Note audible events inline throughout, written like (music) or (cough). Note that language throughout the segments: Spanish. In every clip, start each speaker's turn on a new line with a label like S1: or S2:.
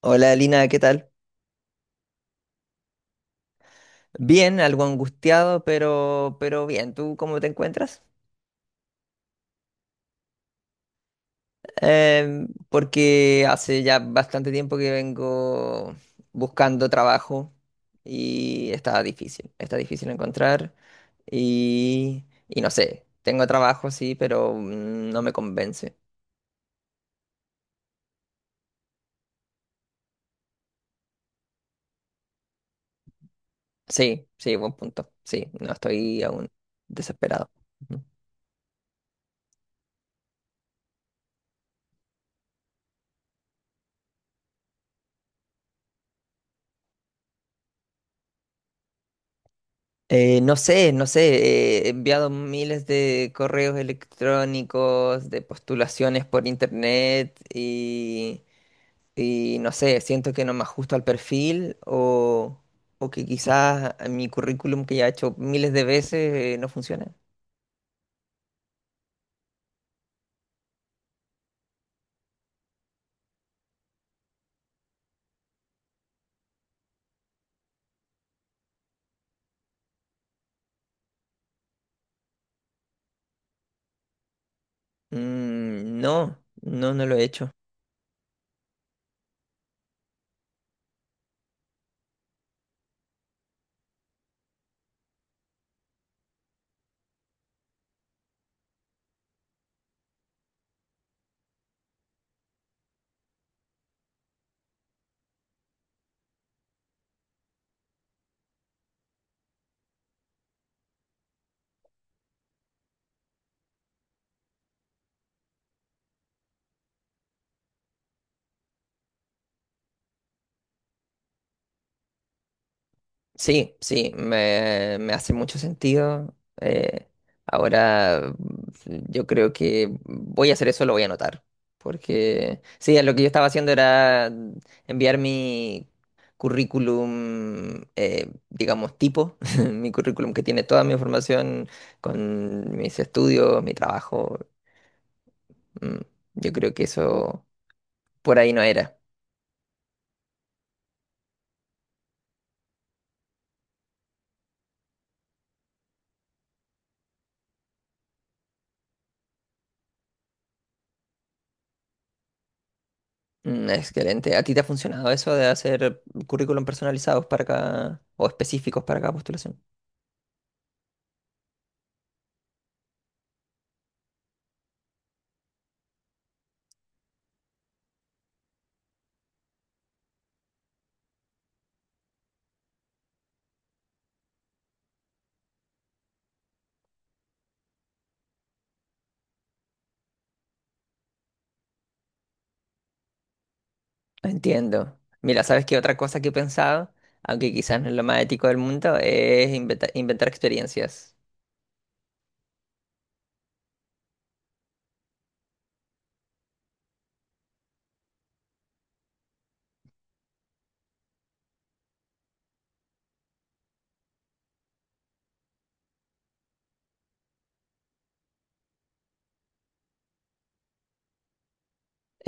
S1: Hola Lina, ¿qué tal? Bien, algo angustiado, pero bien. ¿Tú cómo te encuentras? Porque hace ya bastante tiempo que vengo buscando trabajo y está difícil encontrar y no sé, tengo trabajo sí, pero no me convence. Sí, sí, buen punto. Sí, no estoy aún desesperado. No sé, he enviado miles de correos electrónicos, de postulaciones por internet y no sé, siento que no me ajusto al perfil o que quizás mi currículum que ya he hecho miles de veces no funciona. No, no, no lo he hecho. Sí, sí, me hace mucho sentido. Ahora yo creo que voy a hacer eso, lo voy a anotar. Porque sí, lo que yo estaba haciendo era enviar mi currículum, digamos, tipo, (laughs) mi currículum que tiene toda mi información con mis estudios, mi trabajo. Mm, Yo creo que eso por ahí no era. Excelente. ¿A ti te ha funcionado eso de hacer currículum personalizados para cada, o específicos para cada postulación? Entiendo. Mira, ¿sabes qué otra cosa que he pensado, aunque quizás no es lo más ético del mundo, es inventar experiencias?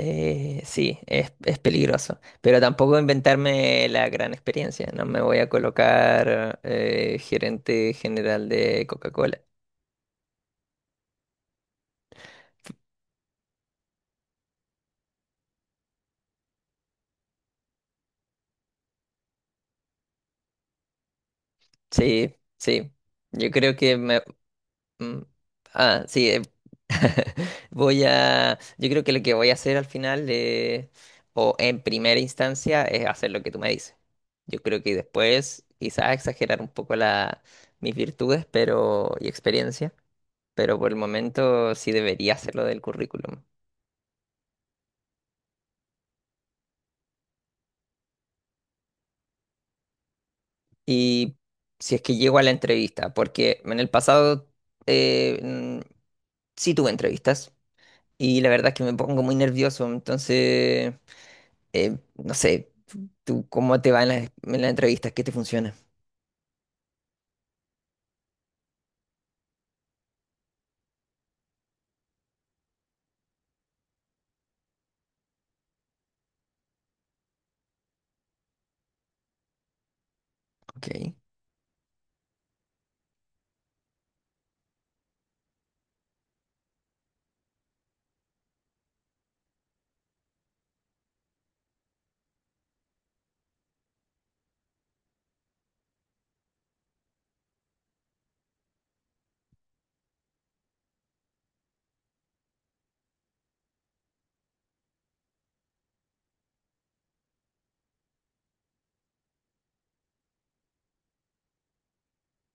S1: Sí, es peligroso, pero tampoco inventarme la gran experiencia. No me voy a colocar, gerente general de Coca-Cola. Sí, sí. Yo creo que me. Mm. Ah, sí. (laughs) Voy a. Yo creo que lo que voy a hacer al final, o en primera instancia, es hacer lo que tú me dices. Yo creo que después, quizás exagerar un poco mis virtudes, pero y experiencia, pero por el momento sí debería hacerlo del currículum. Y si es que llego a la entrevista, porque en el pasado eh, mm, sí tuve entrevistas y la verdad es que me pongo muy nervioso, entonces. No sé, tú, ¿cómo te va en las entrevistas? ¿Qué te funciona? Ok.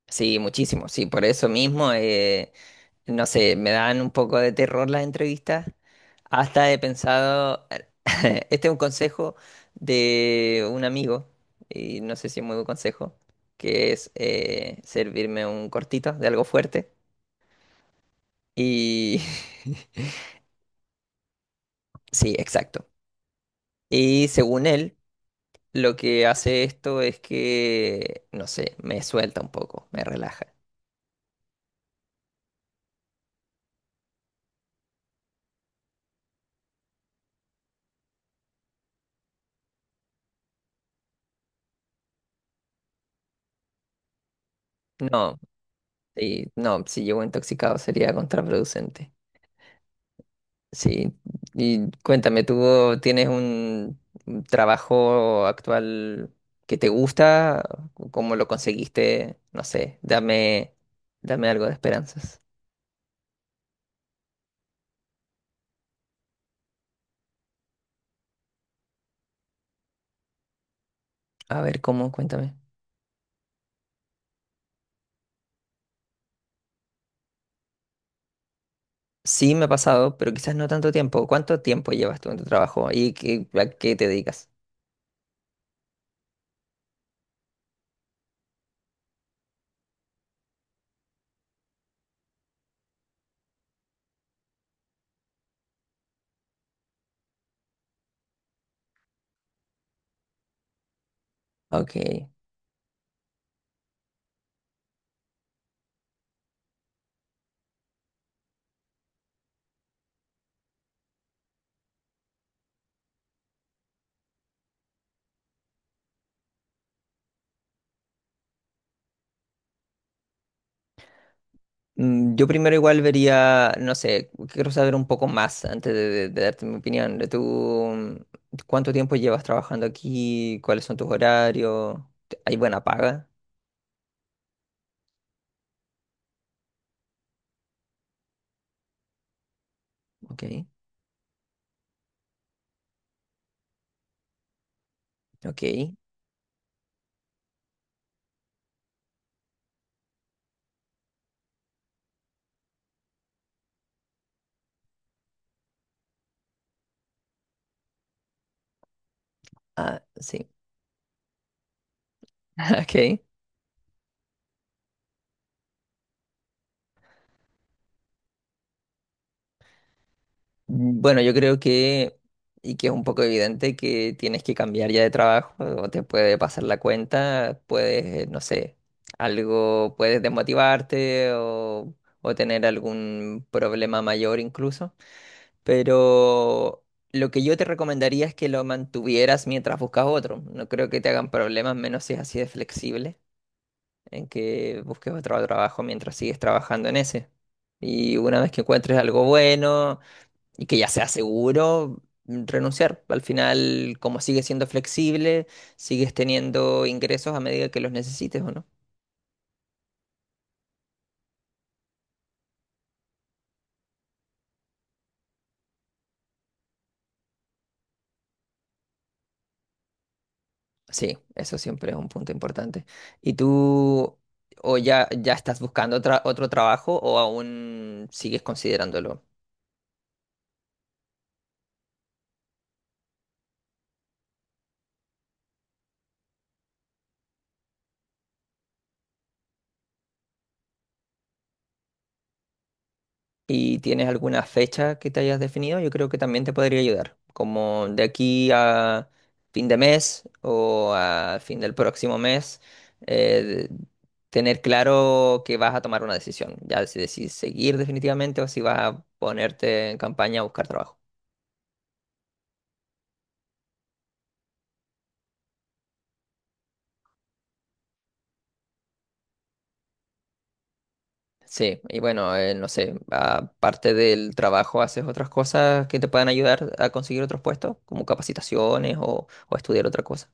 S1: Sí, muchísimo, sí, por eso mismo, no sé, me dan un poco de terror las entrevistas. Hasta he pensado, (laughs) este es un consejo de un amigo, y no sé si es muy buen consejo, que es, servirme un cortito de algo fuerte. Y (laughs) sí, exacto. Y según él, lo que hace esto es que, no sé, me suelta un poco, me relaja. No, sí, no, si llego intoxicado sería contraproducente. Sí, y cuéntame, ¿tú tienes un trabajo actual que te gusta? ¿Cómo lo conseguiste? No sé, dame algo de esperanzas. A ver, ¿cómo? Cuéntame. Sí, me ha pasado, pero quizás no tanto tiempo. ¿Cuánto tiempo llevas tú en tu trabajo y a qué te dedicas? Ok. Yo primero igual vería, no sé, quiero saber un poco más antes de darte mi opinión. De. ¿Tú cuánto tiempo llevas trabajando aquí? ¿Cuáles son tus horarios? ¿Hay buena paga? Ok, ok. Ah, sí. (laughs) Ok. Bueno, yo creo que, y que es un poco evidente que tienes que cambiar ya de trabajo o te puede pasar la cuenta, puedes, no sé, algo, puedes desmotivarte o tener algún problema mayor incluso. Pero lo que yo te recomendaría es que lo mantuvieras mientras buscas otro. No creo que te hagan problemas, menos si es así de flexible, en que busques otro trabajo mientras sigues trabajando en ese. Y una vez que encuentres algo bueno y que ya sea seguro, renunciar. Al final, como sigues siendo flexible, sigues teniendo ingresos a medida que los necesites, ¿o no? Sí, eso siempre es un punto importante. ¿Y tú o ya estás buscando otro trabajo o aún sigues considerándolo? ¿Y tienes alguna fecha que te hayas definido? Yo creo que también te podría ayudar, como de aquí a fin de mes o a fin del próximo mes, eh, tener claro que vas a tomar una decisión, ya si decides seguir definitivamente o si vas a ponerte en campaña a buscar trabajo. Sí, y bueno, no sé, aparte del trabajo, ¿haces otras cosas que te puedan ayudar a conseguir otros puestos, como capacitaciones o estudiar otra cosa?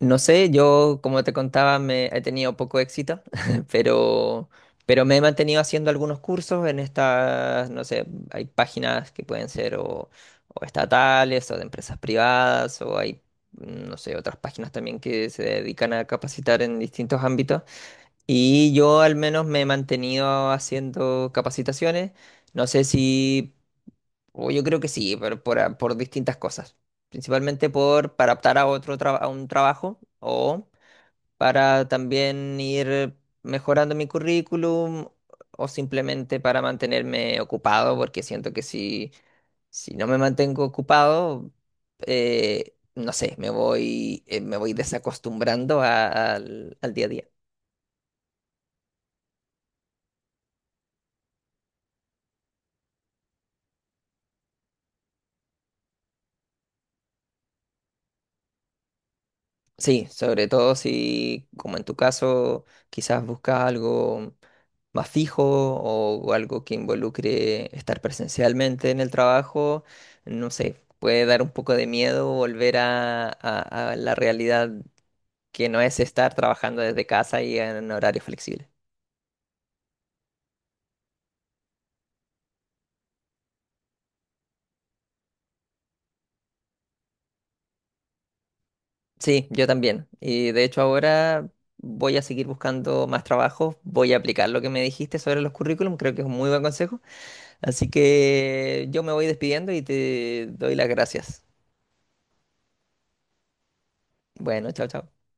S1: No sé, yo, como te contaba, me he tenido poco éxito, (laughs) pero, pero me he mantenido haciendo algunos cursos en estas, no sé, hay páginas que pueden ser o estatales o de empresas privadas o hay, no sé, otras páginas también que se dedican a capacitar en distintos ámbitos. Y yo al menos me he mantenido haciendo capacitaciones. No sé si, o yo creo que sí, pero por distintas cosas. Principalmente por para optar a otro a un trabajo o para también ir mejorando mi currículum o simplemente para mantenerme ocupado, porque siento que si, si no me mantengo ocupado, no sé, me voy desacostumbrando al día a día. Sí, sobre todo si, como en tu caso, quizás buscas algo más fijo o algo que involucre estar presencialmente en el trabajo, no sé, puede dar un poco de miedo volver a la realidad que no es estar trabajando desde casa y en horario flexible. Sí, yo también. Y de hecho ahora voy a seguir buscando más trabajos, voy a aplicar lo que me dijiste sobre los currículum, creo que es un muy buen consejo. Así que yo me voy despidiendo y te doy las gracias. Bueno, chao, chao.